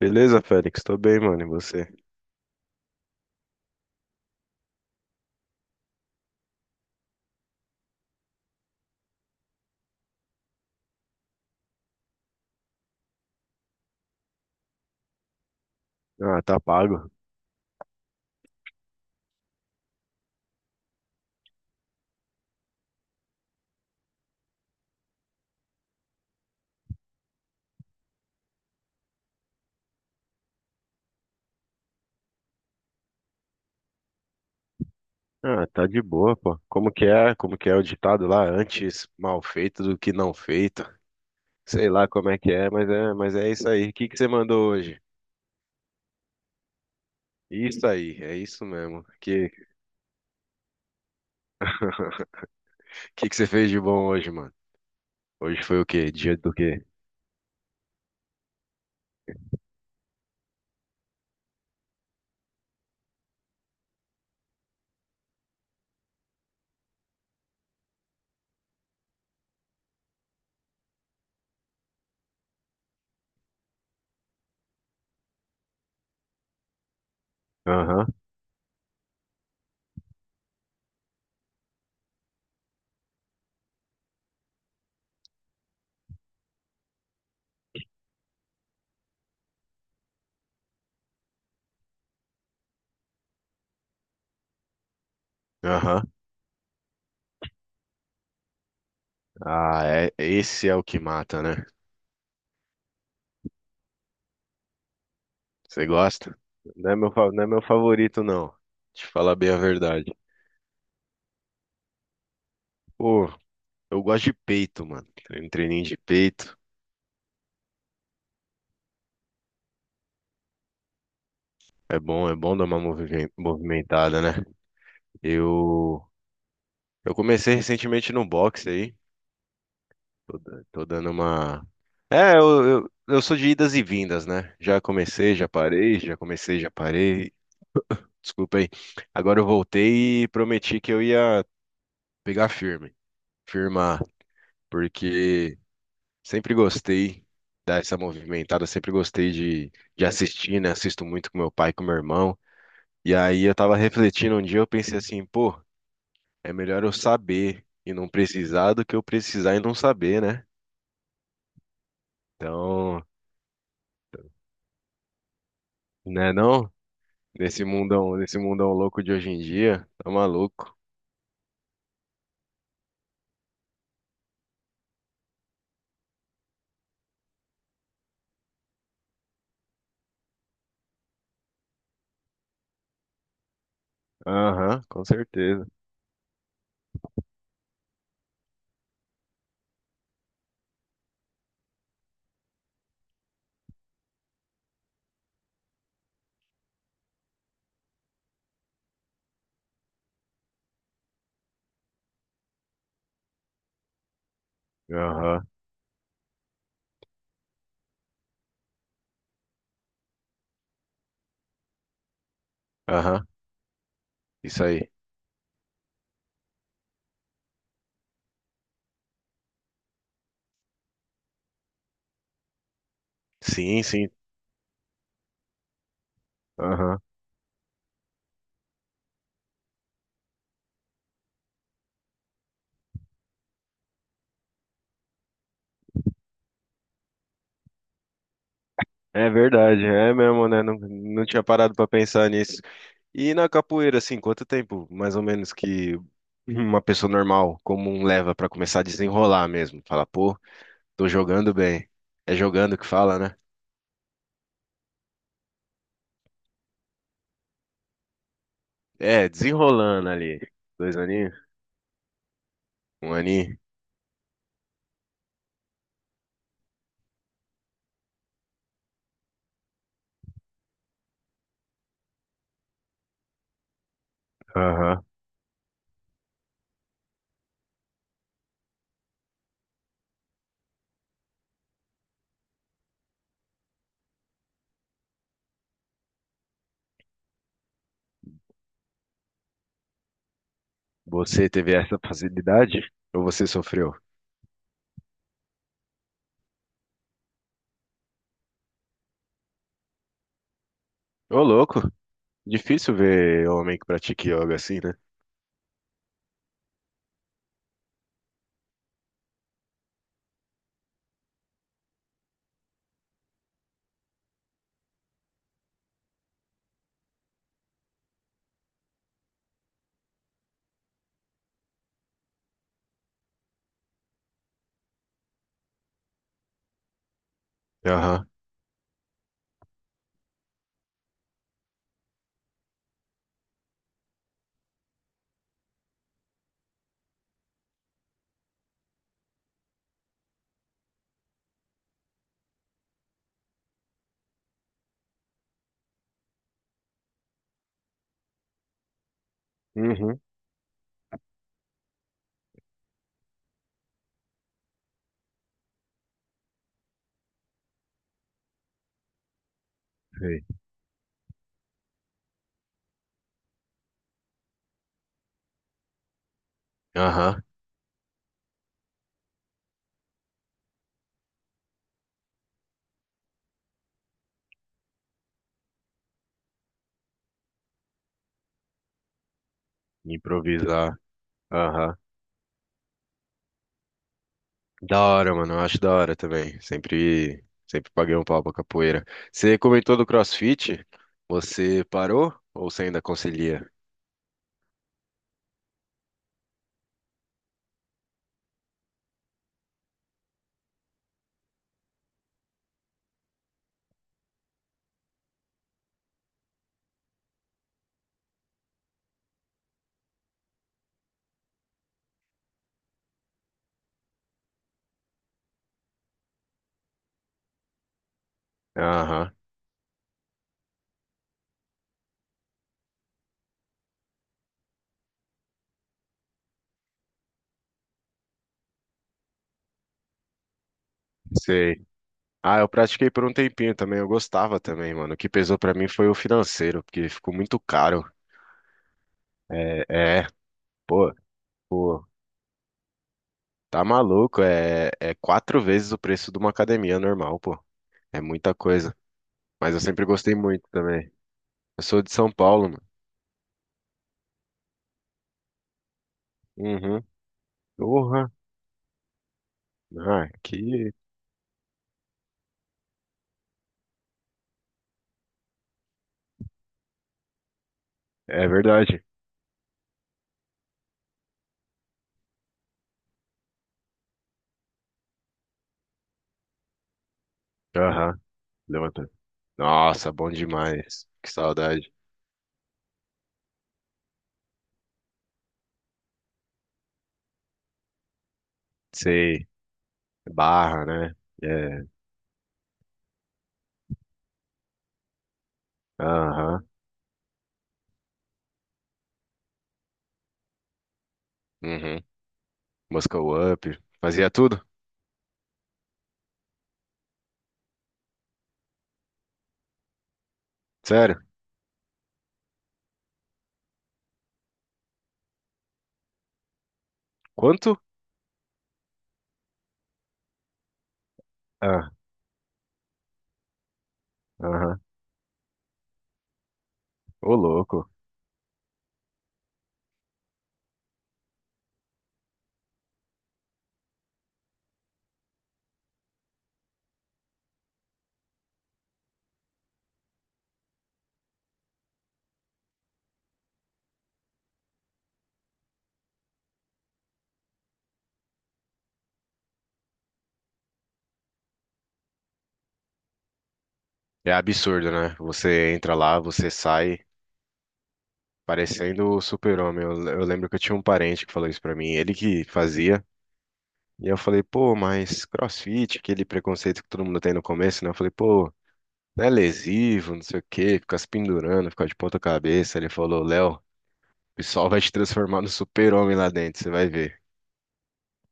Beleza, Félix? Tô bem, mano. E você? Ah, tá pago. Ah, tá de boa, pô. Como que é? Como que é o ditado lá? Antes mal feito do que não feito. Sei lá como é que é, mas é isso aí. O que que você mandou hoje? Isso aí, é isso mesmo. Que que você fez de bom hoje, mano? Hoje foi o quê? Dia do quê? Aham, aham. Ah, é, esse é o que mata, né? Você gosta? Não é meu, não é meu favorito, não. Te falar bem a verdade. Pô, eu gosto de peito, mano. Um treininho de peito. É bom dar uma movimentada, né? Eu, eu comecei recentemente no boxe aí. Tô, tô dando uma. É, eu sou de idas e vindas, né? Já comecei, já parei, já comecei, já parei. Desculpa aí. Agora eu voltei e prometi que eu ia pegar firme, firmar, porque sempre gostei. Dar essa movimentada, sempre gostei de assistir, né? Assisto muito com meu pai, com meu irmão. E aí eu tava refletindo um dia, eu pensei assim, pô, é melhor eu saber e não precisar do que eu precisar e não saber, né? Então, né não? Nesse mundão louco de hoje em dia, tá maluco. Aham, com certeza. Aham, aham, isso aí. Sim, sim, aham. É verdade, é mesmo, né? Não, não tinha parado pra pensar nisso. E na capoeira, assim, quanto tempo, mais ou menos, que uma pessoa normal, comum, leva pra começar a desenrolar mesmo? Fala, pô, tô jogando bem. É jogando que fala, né? É, desenrolando ali. Dois aninhos? Um aninho? Aham. Você teve essa facilidade? Ou você sofreu? Ô, louco. Difícil ver homem que pratica yoga assim, né? Aham. Uhum. Sei. Aham. Improvisar. Aham. Da hora, mano. Eu acho da hora também. Sempre, sempre paguei um pau pra capoeira. Você comentou do CrossFit? Você parou? Ou você ainda concilia? Aham. Sei. Ah, eu pratiquei por um tempinho também, eu gostava também, mano. O que pesou pra mim foi o financeiro, porque ficou muito caro. É, é, pô, pô, tá maluco, é quatro vezes o preço de uma academia normal, pô. É muita coisa. Mas eu sempre gostei muito também. Eu sou de São Paulo, mano. Uhum. Porra. Ah, que... É verdade. Aham, levanta. Nossa, bom demais. Que saudade. Sei, barra, né? É, aham, uhum. Muscle Up. Fazia tudo? Sério? Quanto? Ah, aham. Ô, louco. É absurdo, né? Você entra lá, você sai parecendo o super-homem. Eu lembro que eu tinha um parente que falou isso pra mim, ele que fazia. E eu falei, pô, mas CrossFit, aquele preconceito que todo mundo tem no começo, né? Eu falei, pô, não é lesivo, não sei o quê, fica se pendurando, fica de ponta cabeça. Ele falou, Léo, o pessoal vai te transformar no super-homem lá dentro, você vai ver.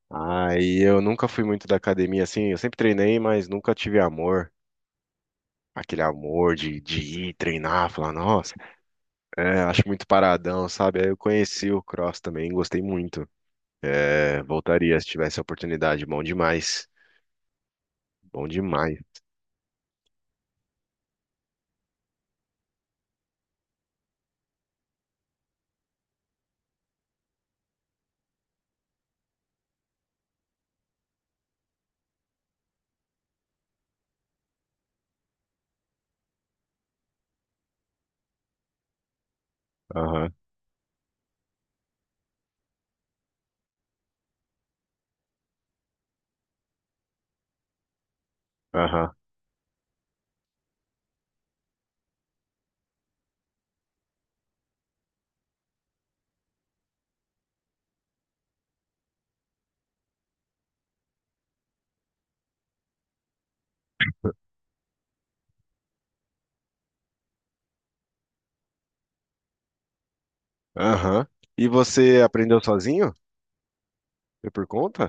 Aí eu nunca fui muito da academia assim, eu sempre treinei, mas nunca tive amor. Aquele amor de ir treinar, falar, nossa, é, acho muito paradão, sabe? Aí eu conheci o cross também, gostei muito. É, voltaria se tivesse a oportunidade, bom demais. Bom demais. Aham, aham, aham. E você aprendeu sozinho? Foi por conta?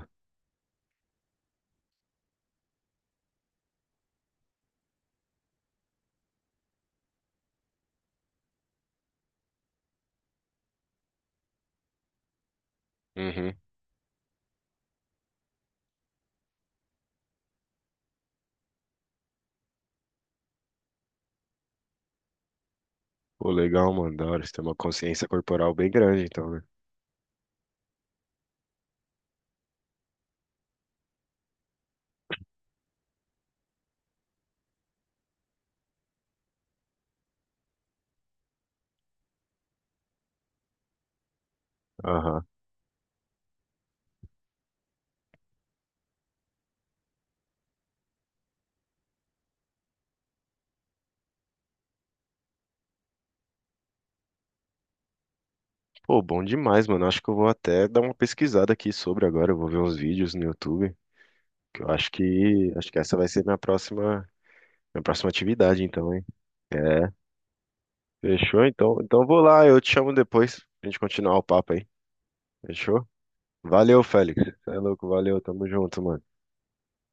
Uhum. Pô, legal, mano, da hora. Você tem uma consciência corporal bem grande, então, né? Aham. Pô, bom demais, mano. Acho que eu vou até dar uma pesquisada aqui sobre agora. Eu vou ver uns vídeos no YouTube. Que eu acho que essa vai ser minha próxima minha próxima atividade, então, hein? É. Fechou? Então, então eu vou lá, eu te chamo depois pra gente continuar o papo aí. Fechou? Valeu, Félix. Você é louco, valeu, tamo junto, mano.